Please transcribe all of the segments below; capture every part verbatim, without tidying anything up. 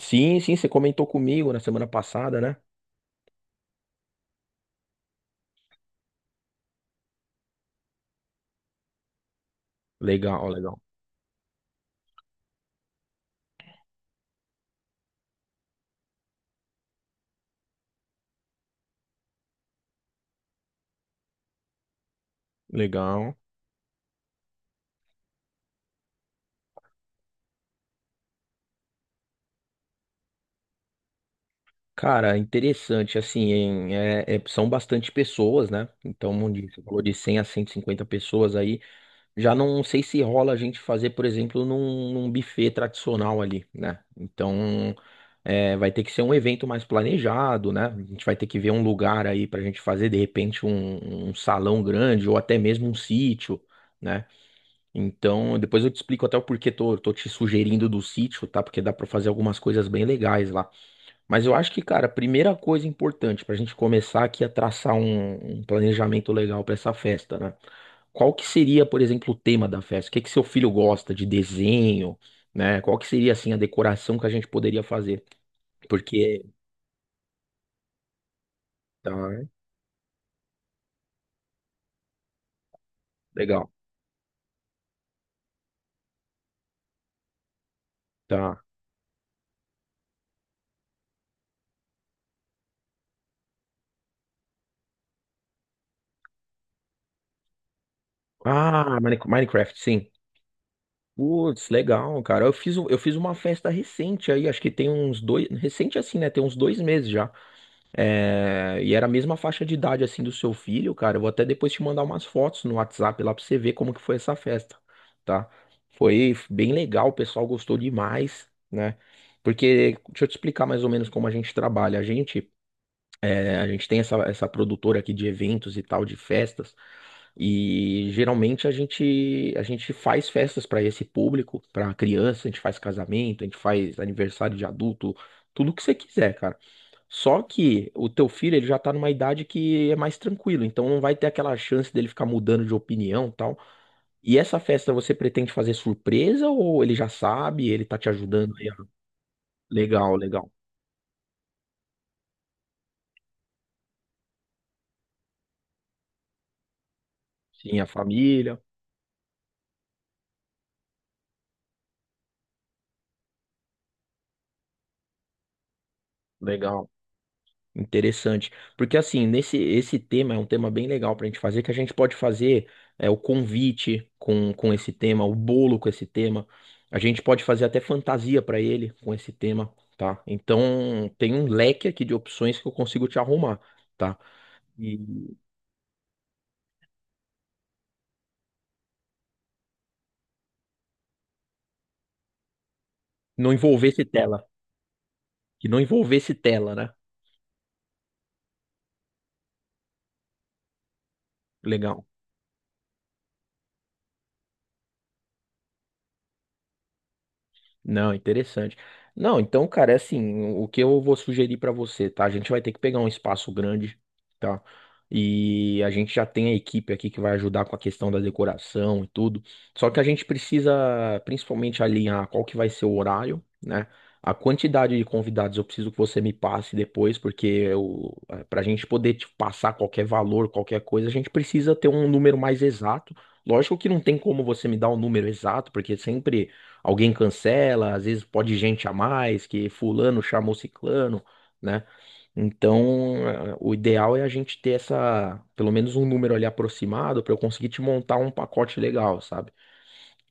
Sim, sim, você comentou comigo na semana passada, né? Legal, legal, legal. Cara, interessante, assim, em- é- é- são bastante pessoas, né? Então, onde você falou de cem a cento e cinquenta pessoas aí, já não sei se rola a gente fazer, por exemplo, num, num buffet tradicional ali, né? Então, é, vai ter que ser um evento mais planejado, né? A gente vai ter que ver um lugar aí pra gente fazer, de repente, um, um salão grande ou até mesmo um sítio, né? Então, depois eu te explico até o porquê tô, tô te sugerindo do sítio, tá? Porque dá pra fazer algumas coisas bem legais lá. Mas eu acho que, cara, a primeira coisa importante pra gente começar aqui a traçar um, um planejamento legal pra essa festa, né? Qual que seria, por exemplo, o tema da festa? O que que seu filho gosta de desenho, né? Qual que seria, assim, a decoração que a gente poderia fazer? Porque, tá, legal, tá. Ah, Mine- Minecraft, sim. Putz, legal, cara. Eu fiz, um- eu fiz uma festa recente aí, acho que tem uns dois. Recente assim, né? Tem uns dois meses já. É, e era a mesma faixa de idade assim do seu filho, cara. Eu vou até depois te mandar umas fotos no WhatsApp lá pra você ver como que foi essa festa, tá? Foi bem legal, o pessoal gostou demais, né? Porque, deixa eu te explicar mais ou menos como a gente trabalha. A gente. É, a gente tem essa, essa produtora aqui de eventos e tal, de festas, e geralmente a gente, a gente faz festas para esse público, para criança, a gente faz casamento, a gente faz aniversário de adulto, tudo que você quiser, cara. Só que o teu filho, ele já tá numa idade que é mais tranquilo, então não vai ter aquela chance dele ficar mudando de opinião e tal. E essa festa você pretende fazer surpresa ou ele já sabe, ele tá te ajudando aí? Ó? Legal, legal. Sim, a família, legal. Interessante. Porque assim, nesse esse tema é um tema bem legal pra gente fazer, que a gente pode fazer é, o convite com, com esse tema, o bolo com esse tema. A gente pode fazer até fantasia pra ele com esse tema, tá? Então tem um leque aqui de opções que eu consigo te arrumar, tá? E não envolvesse tela. Que não envolvesse tela, né? Legal. Não, interessante. Não, então, cara, é assim, o que eu vou sugerir pra você, tá? A gente vai ter que pegar um espaço grande, tá? E a gente já tem a equipe aqui que vai ajudar com a questão da decoração e tudo. Só que a gente precisa principalmente alinhar qual que vai ser o horário, né? A quantidade de convidados eu preciso que você me passe depois, porque eu, é, pra gente poder te passar qualquer valor, qualquer coisa, a gente precisa ter um número mais exato. Lógico que não tem como você me dar o número exato, porque sempre alguém cancela, às vezes pode gente a mais, que fulano chamou ciclano, né? Então, eh, o ideal é a gente ter essa, pelo menos um número ali aproximado para eu conseguir te montar um pacote legal, sabe?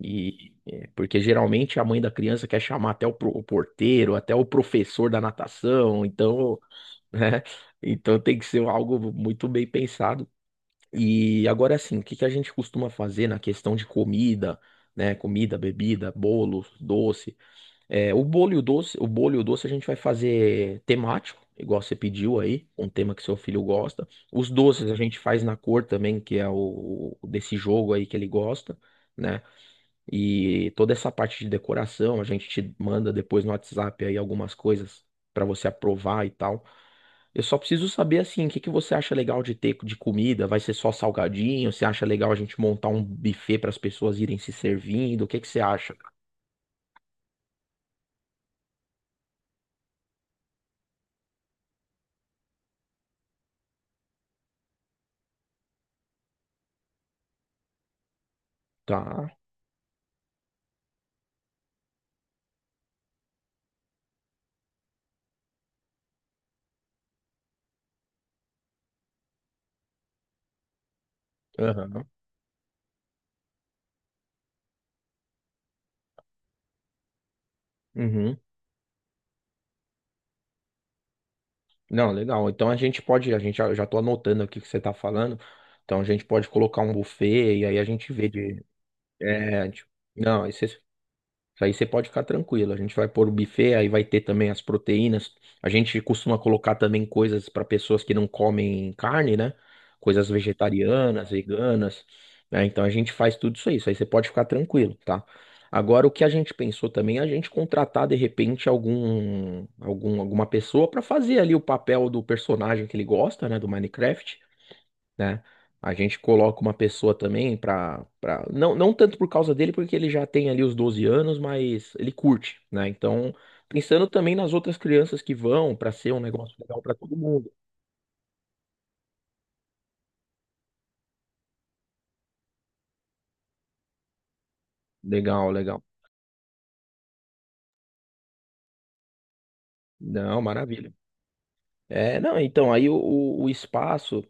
E eh, porque geralmente a mãe da criança quer chamar até o, pro- o porteiro, até o professor da natação, então, né? Então tem que ser algo muito bem pensado. E agora assim, o que que a gente costuma fazer na questão de comida, né? Comida, bebida, bolo, doce. É, o bolo e o doce, o bolo e o doce a gente vai fazer temático, igual você pediu aí, um tema que seu filho gosta. Os doces a gente faz na cor também, que é o o desse jogo aí que ele gosta, né? E toda essa parte de decoração, a gente te manda depois no WhatsApp aí algumas coisas pra você aprovar e tal. Eu só preciso saber assim, o que que você acha legal de ter de comida? Vai ser só salgadinho? Você acha legal a gente montar um buffet para as pessoas irem se servindo? O que que você acha? Tá. Aham. Uhum. Não, legal. Então a gente pode, a gente já, eu já tô anotando aqui o que você tá falando. Então a gente pode colocar um buffet e aí a gente vê de. É, tipo, não, aí você isso aí você pode ficar tranquilo. A gente vai pôr o buffet, aí vai ter também as proteínas. A gente costuma colocar também coisas para pessoas que não comem carne, né? Coisas vegetarianas, veganas, né? Então a gente faz tudo isso aí. Isso aí você pode ficar tranquilo, tá? Agora, o que a gente pensou também é a gente contratar de repente algum, algum alguma pessoa para fazer ali o papel do personagem que ele gosta, né? Do Minecraft, né? A gente coloca uma pessoa também pra, pra... Não, não tanto por causa dele, porque ele já tem ali os doze anos, mas ele curte, né? Então, pensando também nas outras crianças que vão, pra ser um negócio legal pra todo mundo. Legal, legal. Não, maravilha. É, não, então, aí o, o o espaço.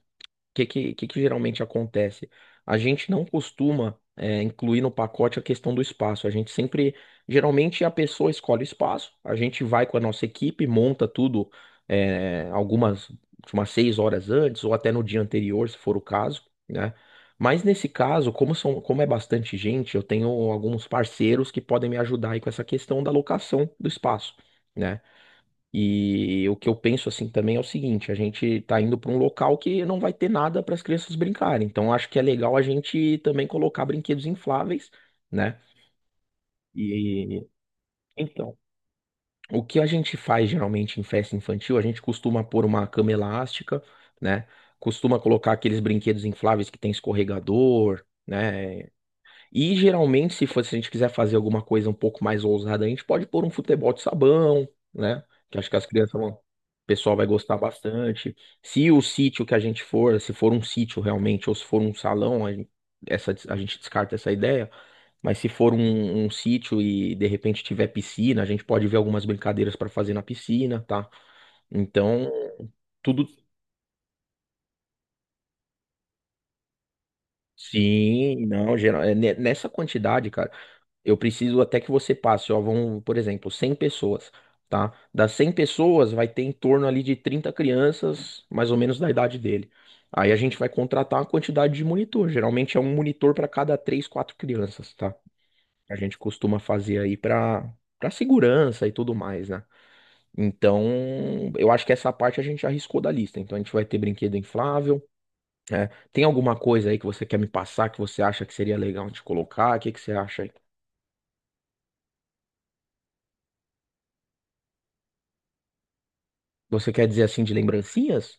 que, que, que que geralmente acontece? A gente não costuma é, incluir no pacote a questão do espaço. A gente sempre, geralmente a pessoa escolhe o espaço, a gente vai com a nossa equipe, monta tudo é, algumas, tipo, umas seis horas antes ou até no dia anterior, se for o caso, né? Mas nesse caso, como são, como é bastante gente, eu tenho alguns parceiros que podem me ajudar aí com essa questão da locação do espaço. Né? E o que eu penso assim também é o seguinte, a gente tá indo para um local que não vai ter nada para as crianças brincarem. Então acho que é legal a gente também colocar brinquedos infláveis, né? E então, o que a gente faz geralmente em festa infantil, a gente costuma pôr uma cama elástica, né? Costuma colocar aqueles brinquedos infláveis que tem escorregador, né? E geralmente, se for- se a gente quiser fazer alguma coisa um pouco mais ousada, a gente pode pôr um futebol de sabão, né? Que acho que as crianças vão, o pessoal vai gostar bastante. Se o sítio que a gente for, se for um sítio realmente, ou se for um salão, a gente, essa, a gente descarta essa ideia. Mas se for um, um sítio e de repente tiver piscina, a gente pode ver algumas brincadeiras para fazer na piscina, tá? Então, tudo. Sim, não, geral, é ne- nessa quantidade, cara. Eu preciso até que você passe, ó, vão, por exemplo, cem pessoas, tá? Das cem pessoas vai ter em torno ali de trinta crianças, mais ou menos da idade dele. Aí a gente vai contratar uma quantidade de monitor, geralmente é um monitor para cada três, quatro crianças, tá? A gente costuma fazer aí para para segurança e tudo mais, né? Então, eu acho que essa parte a gente já arriscou da lista. Então a gente vai ter brinquedo inflável, né? Tem alguma coisa aí que você quer me passar que você acha que seria legal de colocar? O que que você acha aí? Você quer dizer assim de lembrancinhas?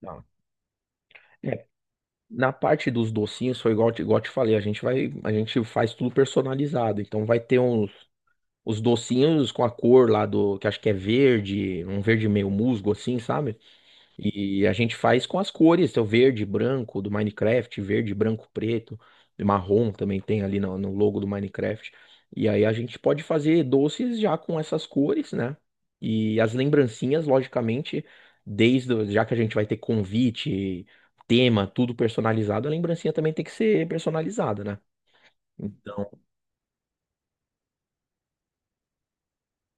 Não. É, na parte dos docinhos foi igual, igual eu te falei, a gente vai, a gente faz tudo personalizado. Então vai ter uns os docinhos com a cor lá do, que acho que é verde, um verde meio musgo assim, sabe? E a gente faz com as cores, tem o verde, branco do Minecraft, verde, branco, preto, e marrom também tem ali no, no logo do Minecraft. E aí a gente pode fazer doces já com essas cores, né? E as lembrancinhas, logicamente, desde o- já que a gente vai ter convite, tema, tudo personalizado, a lembrancinha também tem que ser personalizada, né? Então,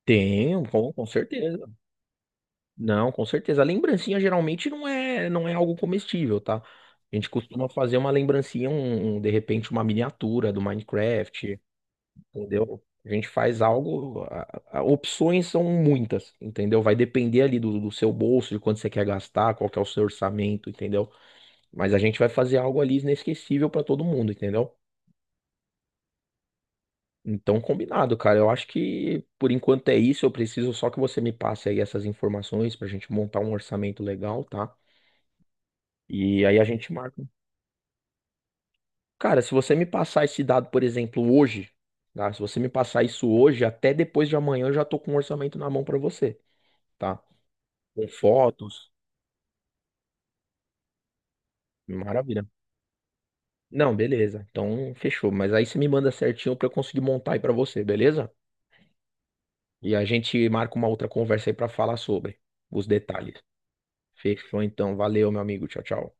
tem, com, com certeza. Não, com certeza. A lembrancinha geralmente não é, não é algo comestível, tá? A gente costuma fazer uma lembrancinha, um, um, de repente uma miniatura do Minecraft, entendeu? A gente faz algo, a- a- opções são muitas, entendeu? Vai depender ali do, do seu bolso, de quanto você quer gastar, qual que é o seu orçamento, entendeu? Mas a gente vai fazer algo ali inesquecível pra todo mundo, entendeu? Então, combinado, cara. Eu acho que por enquanto é isso. Eu preciso só que você me passe aí essas informações pra gente montar um orçamento legal, tá? E aí a gente marca. Cara, se você me passar esse dado, por exemplo, hoje, tá? Se você me passar isso hoje, até depois de amanhã eu já tô com um orçamento na mão pra você, tá? Com fotos. Maravilha. Não, beleza. Então, fechou. Mas aí você me manda certinho pra eu conseguir montar aí pra você, beleza? E a gente marca uma outra conversa aí pra falar sobre os detalhes. Fechou então. Valeu, meu amigo. Tchau, tchau.